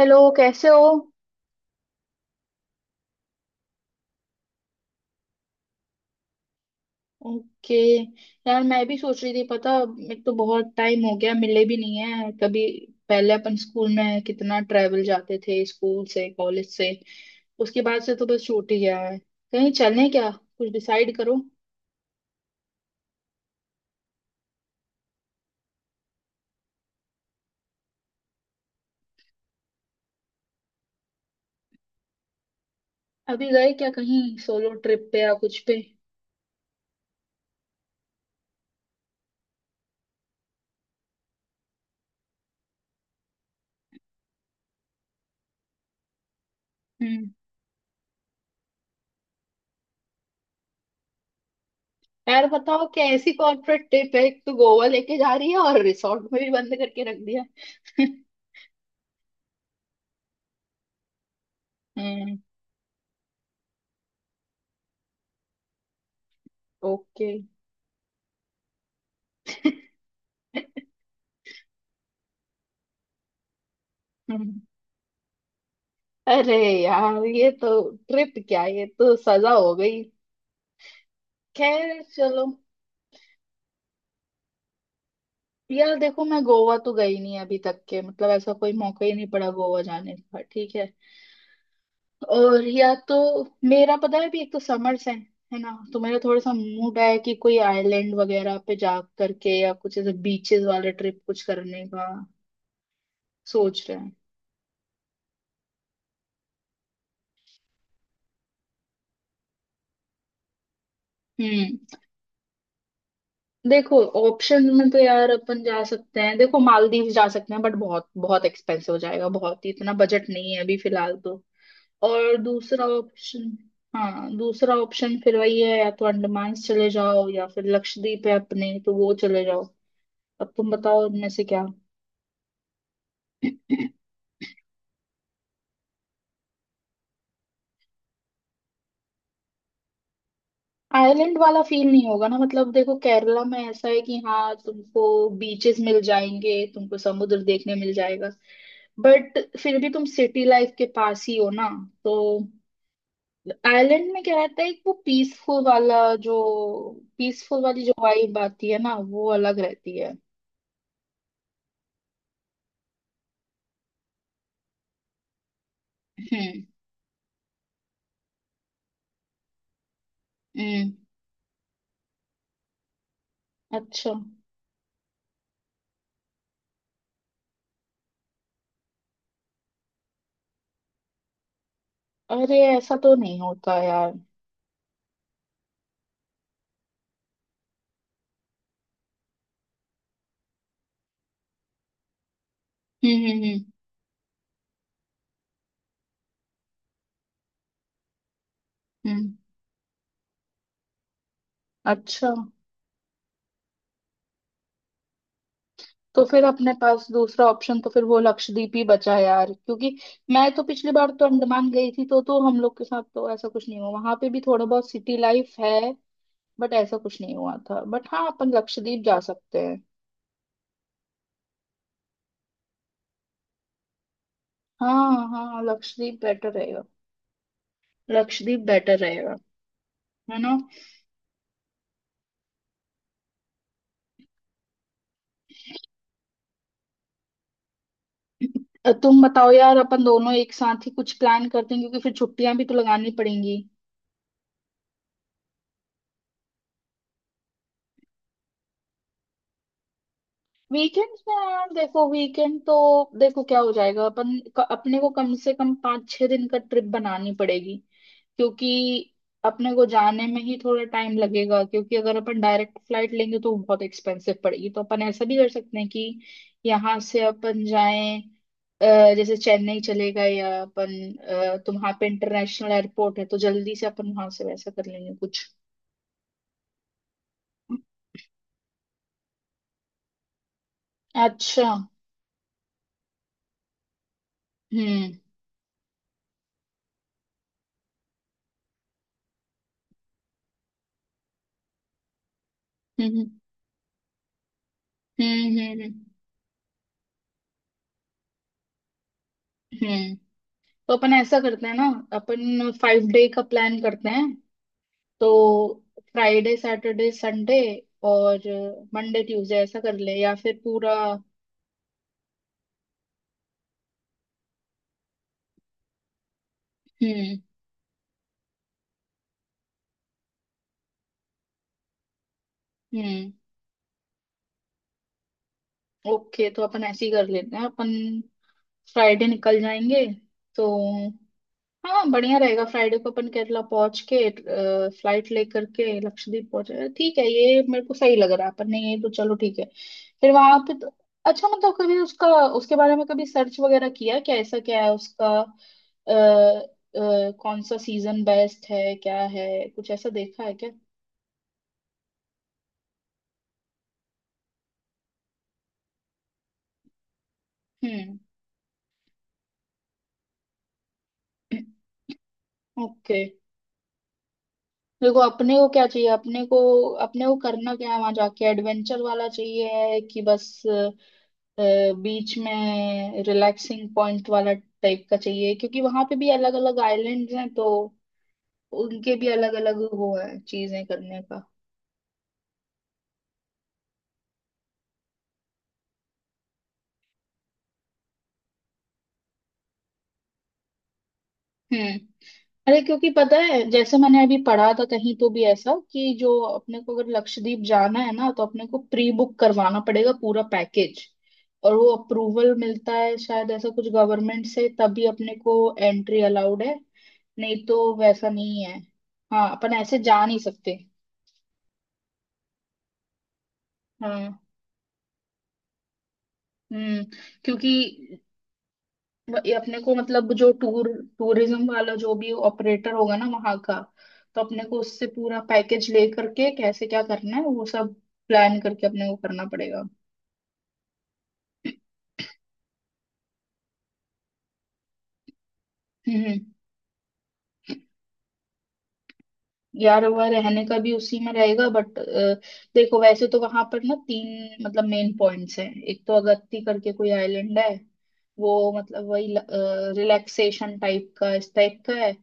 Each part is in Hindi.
हेलो, कैसे हो? ओके। यार मैं भी सोच रही थी, पता, एक तो बहुत टाइम हो गया, मिले भी नहीं है कभी। पहले अपन स्कूल में कितना ट्रेवल जाते थे, स्कूल से कॉलेज से। उसके बाद से तो बस छूट ही गया है। कहीं चलें क्या? कुछ डिसाइड करो। अभी गए क्या कहीं? सोलो ट्रिप पे या कुछ पे? हम्म। यार बताओ, कैसी कॉर्पोरेट ट्रिप है, एक तो गोवा लेके जा रही है और रिसोर्ट में भी बंद करके रख दिया। हम्म। ओके। हम्म। अरे यार, ये तो ट्रिप क्या, ये तो सजा हो गई। खैर चलो। यार देखो, मैं गोवा तो गई नहीं अभी तक के, मतलब ऐसा कोई मौका ही नहीं पड़ा गोवा जाने का, ठीक है। और या तो मेरा, पता है, अभी एक तो समर्स है ना, तो मेरा थोड़ा सा मूड है कि कोई आइलैंड वगैरह पे जा करके या कुछ ऐसे बीचेस वाले ट्रिप कुछ करने का सोच रहे हैं। हम्म। देखो ऑप्शन में तो यार अपन जा सकते हैं, देखो मालदीव जा सकते हैं, बट बहुत बहुत एक्सपेंसिव हो जाएगा, बहुत ही, इतना बजट नहीं है अभी फिलहाल तो। और दूसरा ऑप्शन, हाँ दूसरा ऑप्शन फिर वही है, या तो अंडमान चले जाओ या फिर लक्षद्वीप है अपने, तो वो चले जाओ। अब तुम बताओ इनमें से क्या। आइलैंड वाला फील नहीं होगा ना। मतलब देखो केरला में ऐसा है कि हाँ, तुमको बीचेस मिल जाएंगे, तुमको समुद्र देखने मिल जाएगा, बट फिर भी तुम सिटी लाइफ के पास ही हो ना। तो आयरलैंड में क्या रहता है, एक वो पीसफुल वाला, जो पीसफुल वाली जो वाइब आती है ना, वो अलग रहती है। हम्म। हम्म। अच्छा। अरे ऐसा तो नहीं होता यार। हम्म हम्म हम्म हम्म, अच्छा। तो फिर अपने पास दूसरा ऑप्शन तो फिर वो लक्षद्वीप ही बचा यार, क्योंकि मैं तो पिछली बार तो अंडमान गई थी, तो हम लोग के साथ तो ऐसा कुछ नहीं हुआ, वहां पे भी थोड़ा बहुत सिटी लाइफ है, बट ऐसा कुछ नहीं हुआ था, बट हाँ अपन लक्षद्वीप जा सकते हैं। हाँ हाँ, लक्षद्वीप बेटर रहेगा। लक्षद्वीप बेटर रहेगा। है ना। तुम बताओ यार, अपन दोनों एक साथ ही कुछ प्लान करते हैं, क्योंकि फिर छुट्टियां भी तो लगानी पड़ेंगी। वीकेंड्स में यार, देखो वीकेंड तो, देखो क्या हो जाएगा, अपने को कम से कम पाँच छह दिन का ट्रिप बनानी पड़ेगी, क्योंकि अपने को जाने में ही थोड़ा टाइम लगेगा, क्योंकि अगर अपन डायरेक्ट फ्लाइट लेंगे तो बहुत एक्सपेंसिव पड़ेगी, तो अपन ऐसा भी कर सकते हैं कि यहाँ से अपन जाएं, जैसे चेन्नई चले गए या अपन, तो वहां पे इंटरनेशनल एयरपोर्ट है, तो जल्दी से अपन वहां से वैसा कर लेंगे कुछ। अच्छा। हम्म। हम्म हम्म हम्म हम्म हम्म। हम्म। तो अपन ऐसा करते हैं ना, अपन फाइव डे का प्लान करते हैं। तो फ्राइडे सैटरडे संडे और मंडे ट्यूसडे ऐसा कर ले या फिर पूरा। हम्म। हम्म। ओके, तो अपन ऐसे ही कर लेते हैं अपन, फ्राइडे निकल जाएंगे, तो हाँ बढ़िया रहेगा, फ्राइडे को अपन केरला पहुंच के फ्लाइट लेकर के लक्षद्वीप पहुंचे, ठीक है, ये मेरे को सही लग रहा है अपन ने, ये तो चलो ठीक है। फिर वहां पे तो, अच्छा मतलब कभी उसका, उसके बारे में कभी सर्च वगैरह किया क्या, ऐसा क्या है उसका, कौन सा सीजन बेस्ट है, क्या है, कुछ ऐसा देखा है क्या? हम्म। ओके। देखो अपने को क्या चाहिए, अपने को करना क्या है वहां जाके, एडवेंचर वाला चाहिए है कि बस अ, बीच में रिलैक्सिंग पॉइंट वाला टाइप का चाहिए, क्योंकि वहां पे भी अलग अलग आइलैंड्स हैं, तो उनके भी अलग अलग वो है चीजें करने का। हम्म। अरे क्योंकि पता है, जैसे मैंने अभी पढ़ा था कहीं तो भी ऐसा, कि जो अपने को अगर लक्षद्वीप जाना है ना, तो अपने को प्री बुक करवाना पड़ेगा पूरा पैकेज, और वो अप्रूवल मिलता है शायद ऐसा कुछ, गवर्नमेंट से तभी अपने को एंट्री अलाउड है, नहीं तो वैसा नहीं है, हाँ अपन ऐसे जा नहीं सकते। हाँ। हम्म। क्योंकि ये अपने को मतलब, जो टूरिज्म वाला जो भी ऑपरेटर होगा ना वहां का, तो अपने को उससे पूरा पैकेज ले करके कैसे क्या करना है वो सब प्लान करके अपने को करना पड़ेगा। हम्म। यार वह रहने का भी उसी में रहेगा, बट देखो वैसे तो वहां पर ना तीन मतलब मेन पॉइंट्स हैं, एक तो अगत्ती करके कोई आइलैंड है, वो मतलब वही रिलैक्सेशन टाइप का इस टाइप का है,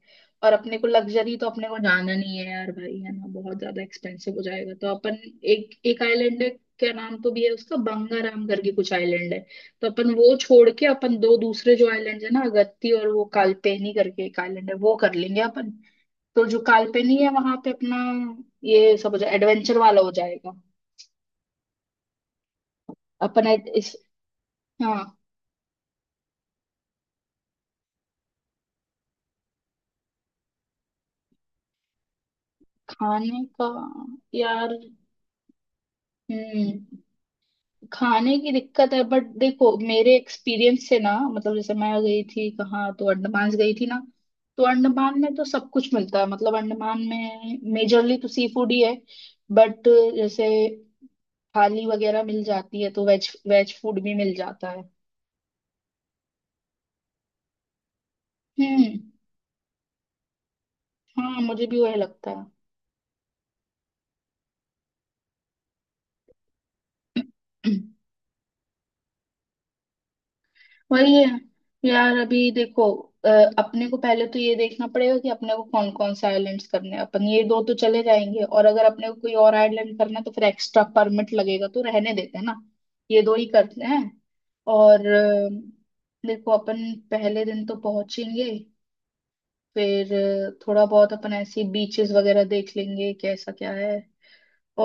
और अपने को लग्जरी तो अपने को जाना नहीं है यार भाई, है ना, बहुत ज्यादा एक्सपेंसिव हो जाएगा, तो अपन, एक एक आइलैंड है, क्या नाम तो भी है उसका, बंगाराम करके कुछ आइलैंड है, तो अपन वो छोड़ के अपन दो दूसरे जो आइलैंड है ना, अगत्ती और वो कालपेनी करके एक आइलैंड है, वो कर लेंगे अपन। तो जो काल्पनिक है वहां पे अपना ये सब हो जाए, एडवेंचर वाला हो जाएगा। इस, हाँ। खाने का यार, हम्म, खाने की दिक्कत है, बट देखो मेरे एक्सपीरियंस से ना, मतलब जैसे मैं गई थी कहाँ, तो अंडमान गई थी ना, तो अंडमान में तो सब कुछ मिलता है, मतलब अंडमान में मेजरली तो सी फूड ही है, बट जैसे थाली वगैरह मिल जाती है, तो वेज वेज फूड भी मिल जाता है। हम्म। हाँ मुझे भी वही लगता है। वही है यार, अभी देखो अ, अपने को पहले तो ये देखना पड़ेगा कि अपने को कौन कौन से आइलैंड्स करने हैं, अपन ये दो तो चले जाएंगे, और अगर अपने को कोई और आइलैंड करना है तो फिर एक्स्ट्रा परमिट लगेगा, तो रहने देते हैं ना, ये दो ही करते हैं। और देखो अपन पहले दिन तो पहुंचेंगे, फिर थोड़ा बहुत अपन ऐसी बीचेस वगैरह देख लेंगे कैसा क्या है,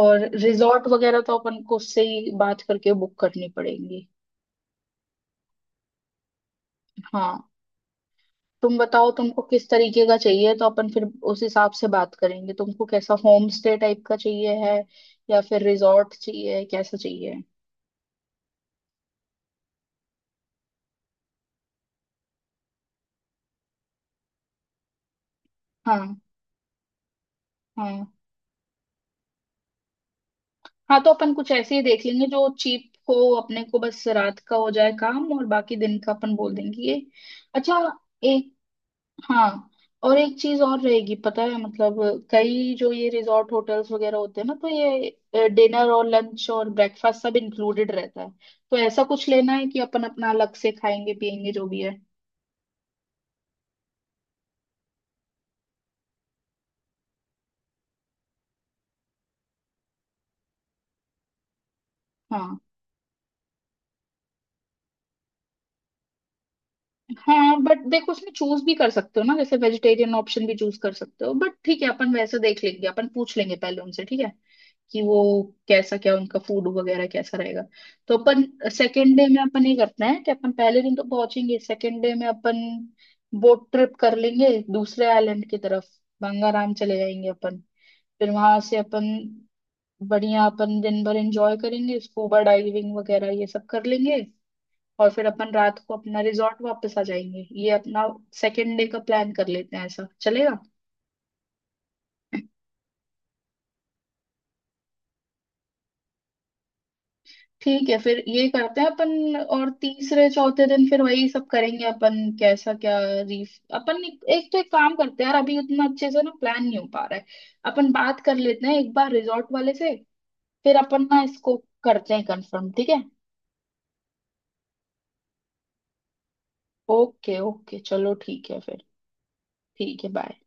और रिजॉर्ट वगैरह तो अपन को उससे ही बात करके बुक करनी पड़ेगी। हाँ तुम बताओ तुमको किस तरीके का चाहिए, तो अपन फिर उस हिसाब से बात करेंगे, तुमको कैसा होम स्टे टाइप का चाहिए है या फिर रिजॉर्ट चाहिए, कैसा चाहिए? हाँ। हाँ। हाँ तो अपन कुछ ऐसे ही देख लेंगे जो चीप हो, अपने को बस रात का हो जाए काम, और बाकी दिन का अपन बोल देंगे ये। अच्छा। एक, हाँ, और एक चीज और रहेगी, पता है मतलब कई जो ये रिजॉर्ट होटल्स वगैरह होते हैं ना, तो ये डिनर और लंच और ब्रेकफास्ट सब इंक्लूडेड रहता है, तो ऐसा कुछ लेना है कि अपन अपना अलग से खाएंगे पिएंगे जो भी है। हाँ। हाँ बट देखो उसमें चूज भी कर सकते हो ना, जैसे वेजिटेरियन ऑप्शन भी चूज कर सकते हो, बट ठीक है अपन वैसे देख लेंगे, अपन पूछ लेंगे पहले उनसे, ठीक है, कि वो कैसा क्या उनका फूड वगैरह कैसा रहेगा। तो अपन सेकेंड डे में अपन ये करना है कि अपन पहले दिन तो पहुंचेंगे, सेकेंड डे में अपन बोट ट्रिप कर लेंगे दूसरे आइलैंड की तरफ, गंगाराम चले जाएंगे अपन, फिर वहां से अपन बढ़िया अपन दिन भर एंजॉय करेंगे, स्कूबा डाइविंग वगैरह ये सब कर लेंगे, और फिर अपन रात को अपना रिजॉर्ट वापस आ जाएंगे, ये अपना सेकेंड डे का प्लान कर लेते हैं, ऐसा चलेगा? ठीक है, फिर ये करते हैं अपन, और तीसरे चौथे दिन फिर वही सब करेंगे, अपन कैसा क्या रीफ अपन एक तो एक काम करते हैं यार, अभी उतना अच्छे से ना प्लान नहीं हो पा रहा है, अपन बात कर लेते हैं एक बार रिजॉर्ट वाले से, फिर अपन ना इसको करते हैं कंफर्म, ठीक है। ओके ओके, चलो ठीक है फिर। ठीक है, बाय।